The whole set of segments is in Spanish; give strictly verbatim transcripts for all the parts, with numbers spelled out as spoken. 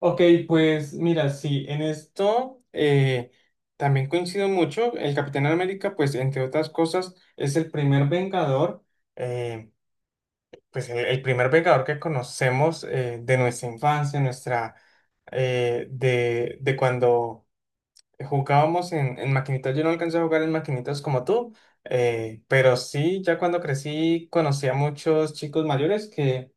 Ok, pues mira, sí, en esto eh, también coincido mucho. El Capitán América, pues entre otras cosas, es el primer Vengador, eh, pues el, el primer Vengador que conocemos eh, de nuestra infancia, nuestra, eh, de, de cuando jugábamos en, en maquinitas. Yo no alcancé a jugar en maquinitas como tú, eh, pero sí, ya cuando crecí conocí a muchos chicos mayores que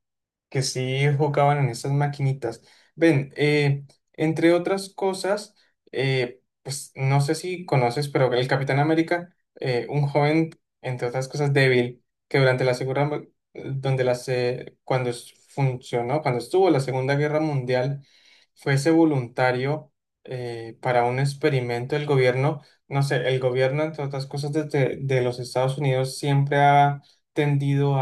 que sí jugaban en estas maquinitas. Ven, eh, entre otras cosas, eh, pues no sé si conoces, pero el Capitán América, eh, un joven, entre otras cosas, débil, que durante la segunda, donde las, eh, cuando es- funcionó, cuando estuvo la Segunda Guerra Mundial, fuese voluntario eh, para un experimento del gobierno. No sé, el gobierno, entre otras cosas, desde- de los Estados Unidos siempre ha tendido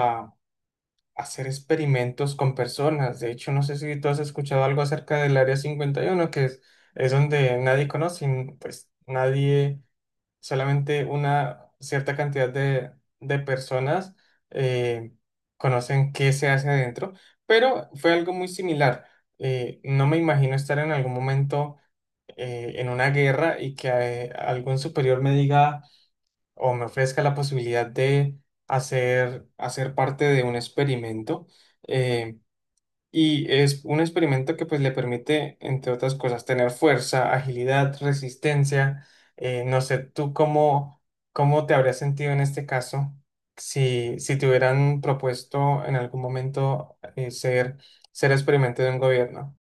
hacer experimentos con personas. De hecho, no sé si tú has escuchado algo acerca del Área cincuenta y uno, que es, es donde nadie conoce, n- pues nadie, solamente una cierta cantidad de, de personas eh, conocen qué se hace adentro, pero fue algo muy similar. Eh, no me imagino estar en algún momento eh, en una guerra y que eh, algún superior me diga o me ofrezca la posibilidad de hacer, hacer parte de un experimento. eh, y es un experimento que pues le permite, entre otras cosas, tener fuerza, agilidad, resistencia. Eh, no sé, ¿tú cómo, cómo te habrías sentido en este caso si, si te hubieran propuesto en algún momento eh, ser, ser experimento de un gobierno?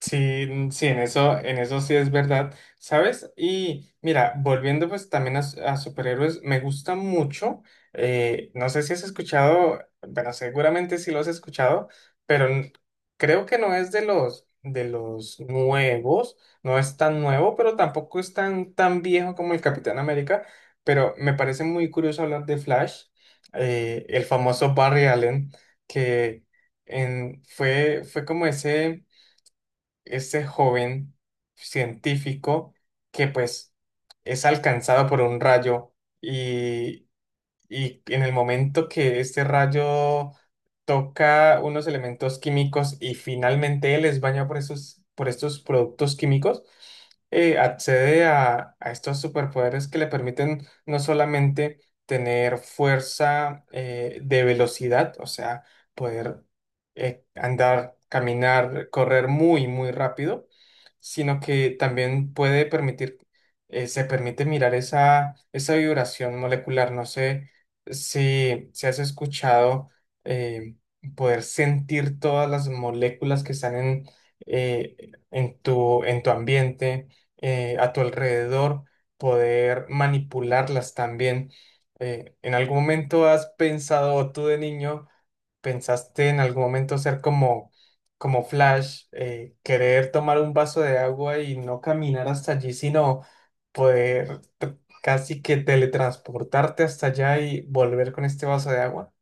Sí, sí, en eso, en eso sí es verdad, ¿sabes? Y mira, volviendo pues también a, s- a superhéroes, me gusta mucho, eh, no sé si has escuchado, bueno, seguramente sí lo has escuchado, pero n- creo que no es de los, de los nuevos, no es tan nuevo, pero tampoco es tan, tan viejo como el Capitán América, pero me parece muy curioso hablar de Flash, eh, el famoso Barry Allen, que en- fue, fue como ese este joven científico que pues es alcanzado por un rayo y y en el momento que este rayo toca unos elementos químicos y finalmente él es bañado por estos, por estos productos químicos, eh, accede a, a estos superpoderes que le permiten no solamente tener fuerza eh, de velocidad, o sea, poder eh, andar, caminar, correr muy, muy rápido, sino que también puede permitir, eh, se permite mirar esa, esa vibración molecular. No sé si, si has escuchado eh, poder sentir todas las moléculas que están en, eh, en tu, en tu ambiente, eh, a tu alrededor, poder manipularlas también. Eh, ¿en algún momento has pensado o tú de niño? ¿Pensaste en algún momento ser como, como Flash, eh, querer tomar un vaso de agua y no caminar hasta allí, sino poder t- casi que teletransportarte hasta allá y volver con este vaso de agua?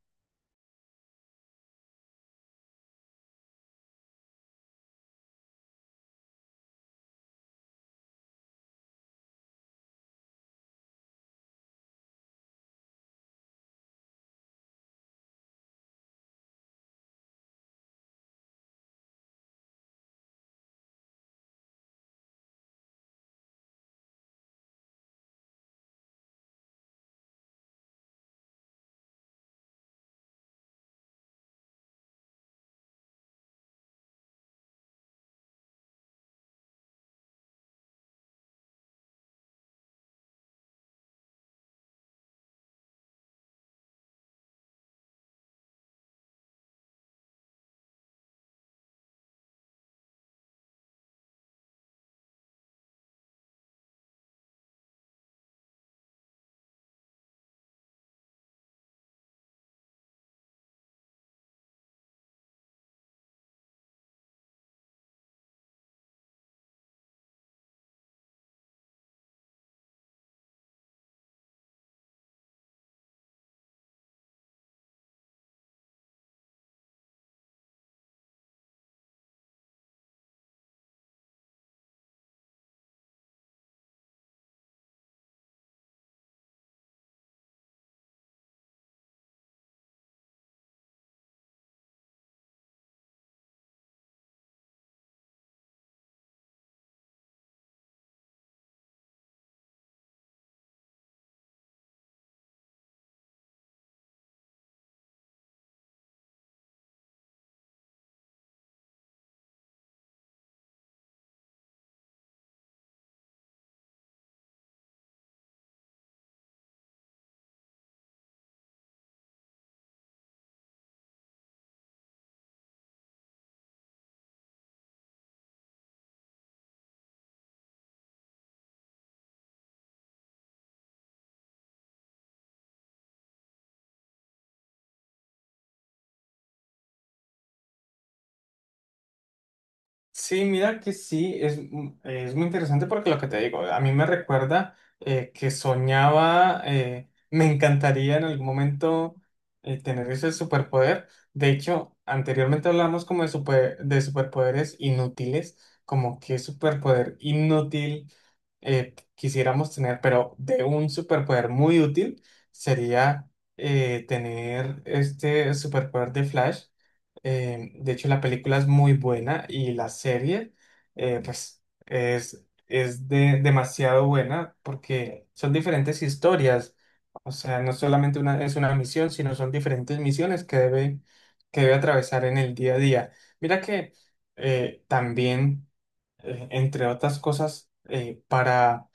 Sí, mira que sí, es, mu- es muy interesante porque lo que te digo, a mí me recuerda eh, que soñaba, eh, me encantaría en algún momento eh, tener ese superpoder. De hecho, anteriormente hablamos como de, super- de superpoderes inútiles, como qué superpoder inútil eh, quisiéramos tener, pero de un superpoder muy útil sería eh, tener este superpoder de Flash. Eh, de hecho, la película es muy buena y la serie, eh, pues, es, es de- demasiado buena porque son diferentes historias. O sea, no solamente una, es una misión, sino son diferentes misiones que debe, que debe atravesar en el día a día. Mira que eh, también, eh, entre otras cosas, eh, para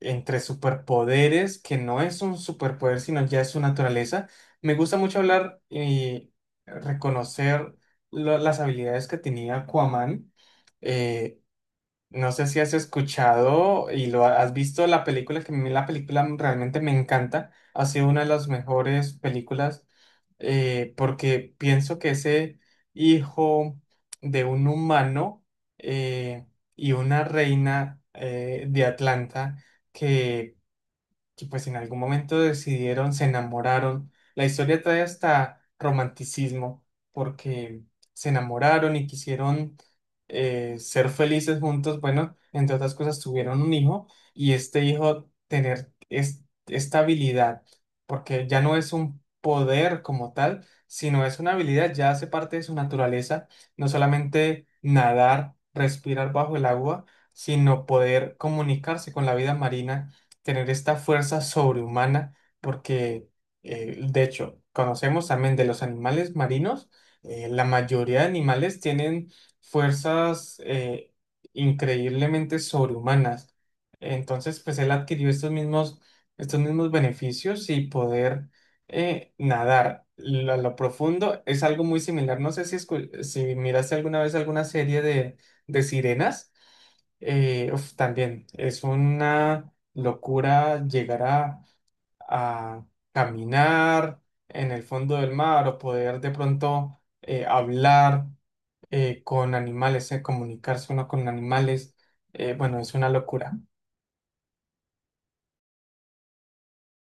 entre superpoderes, que no es un superpoder, sino ya es su naturaleza. Me gusta mucho hablar y reconocer lo- las habilidades que tenía Aquaman. eh, no sé si has escuchado y lo ha- has visto la película, que a mí la película realmente me encanta. Ha sido una de las mejores películas eh, porque pienso que ese hijo de un humano eh, y una reina eh, de Atlanta que que pues en algún momento decidieron, se enamoraron. La historia trae hasta romanticismo, porque se enamoraron y quisieron eh, ser felices juntos. Bueno, entre otras cosas, tuvieron un hijo y este hijo tener es- esta habilidad, porque ya no es un poder como tal, sino es una habilidad, ya hace parte de su naturaleza, no solamente nadar, respirar bajo el agua, sino poder comunicarse con la vida marina, tener esta fuerza sobrehumana, porque eh, de hecho, conocemos también de los animales marinos, eh, la mayoría de animales tienen fuerzas eh, increíblemente sobrehumanas. Entonces, pues él adquirió estos mismos, estos mismos beneficios y poder eh, nadar a lo profundo es algo muy similar. No sé si, escu- si miraste alguna vez alguna serie de, de sirenas. Eh, uf, también es una locura llegar a, a caminar en el fondo del mar o poder de pronto eh, hablar eh, con animales, eh, comunicarse uno con animales. Eh, bueno, es una locura.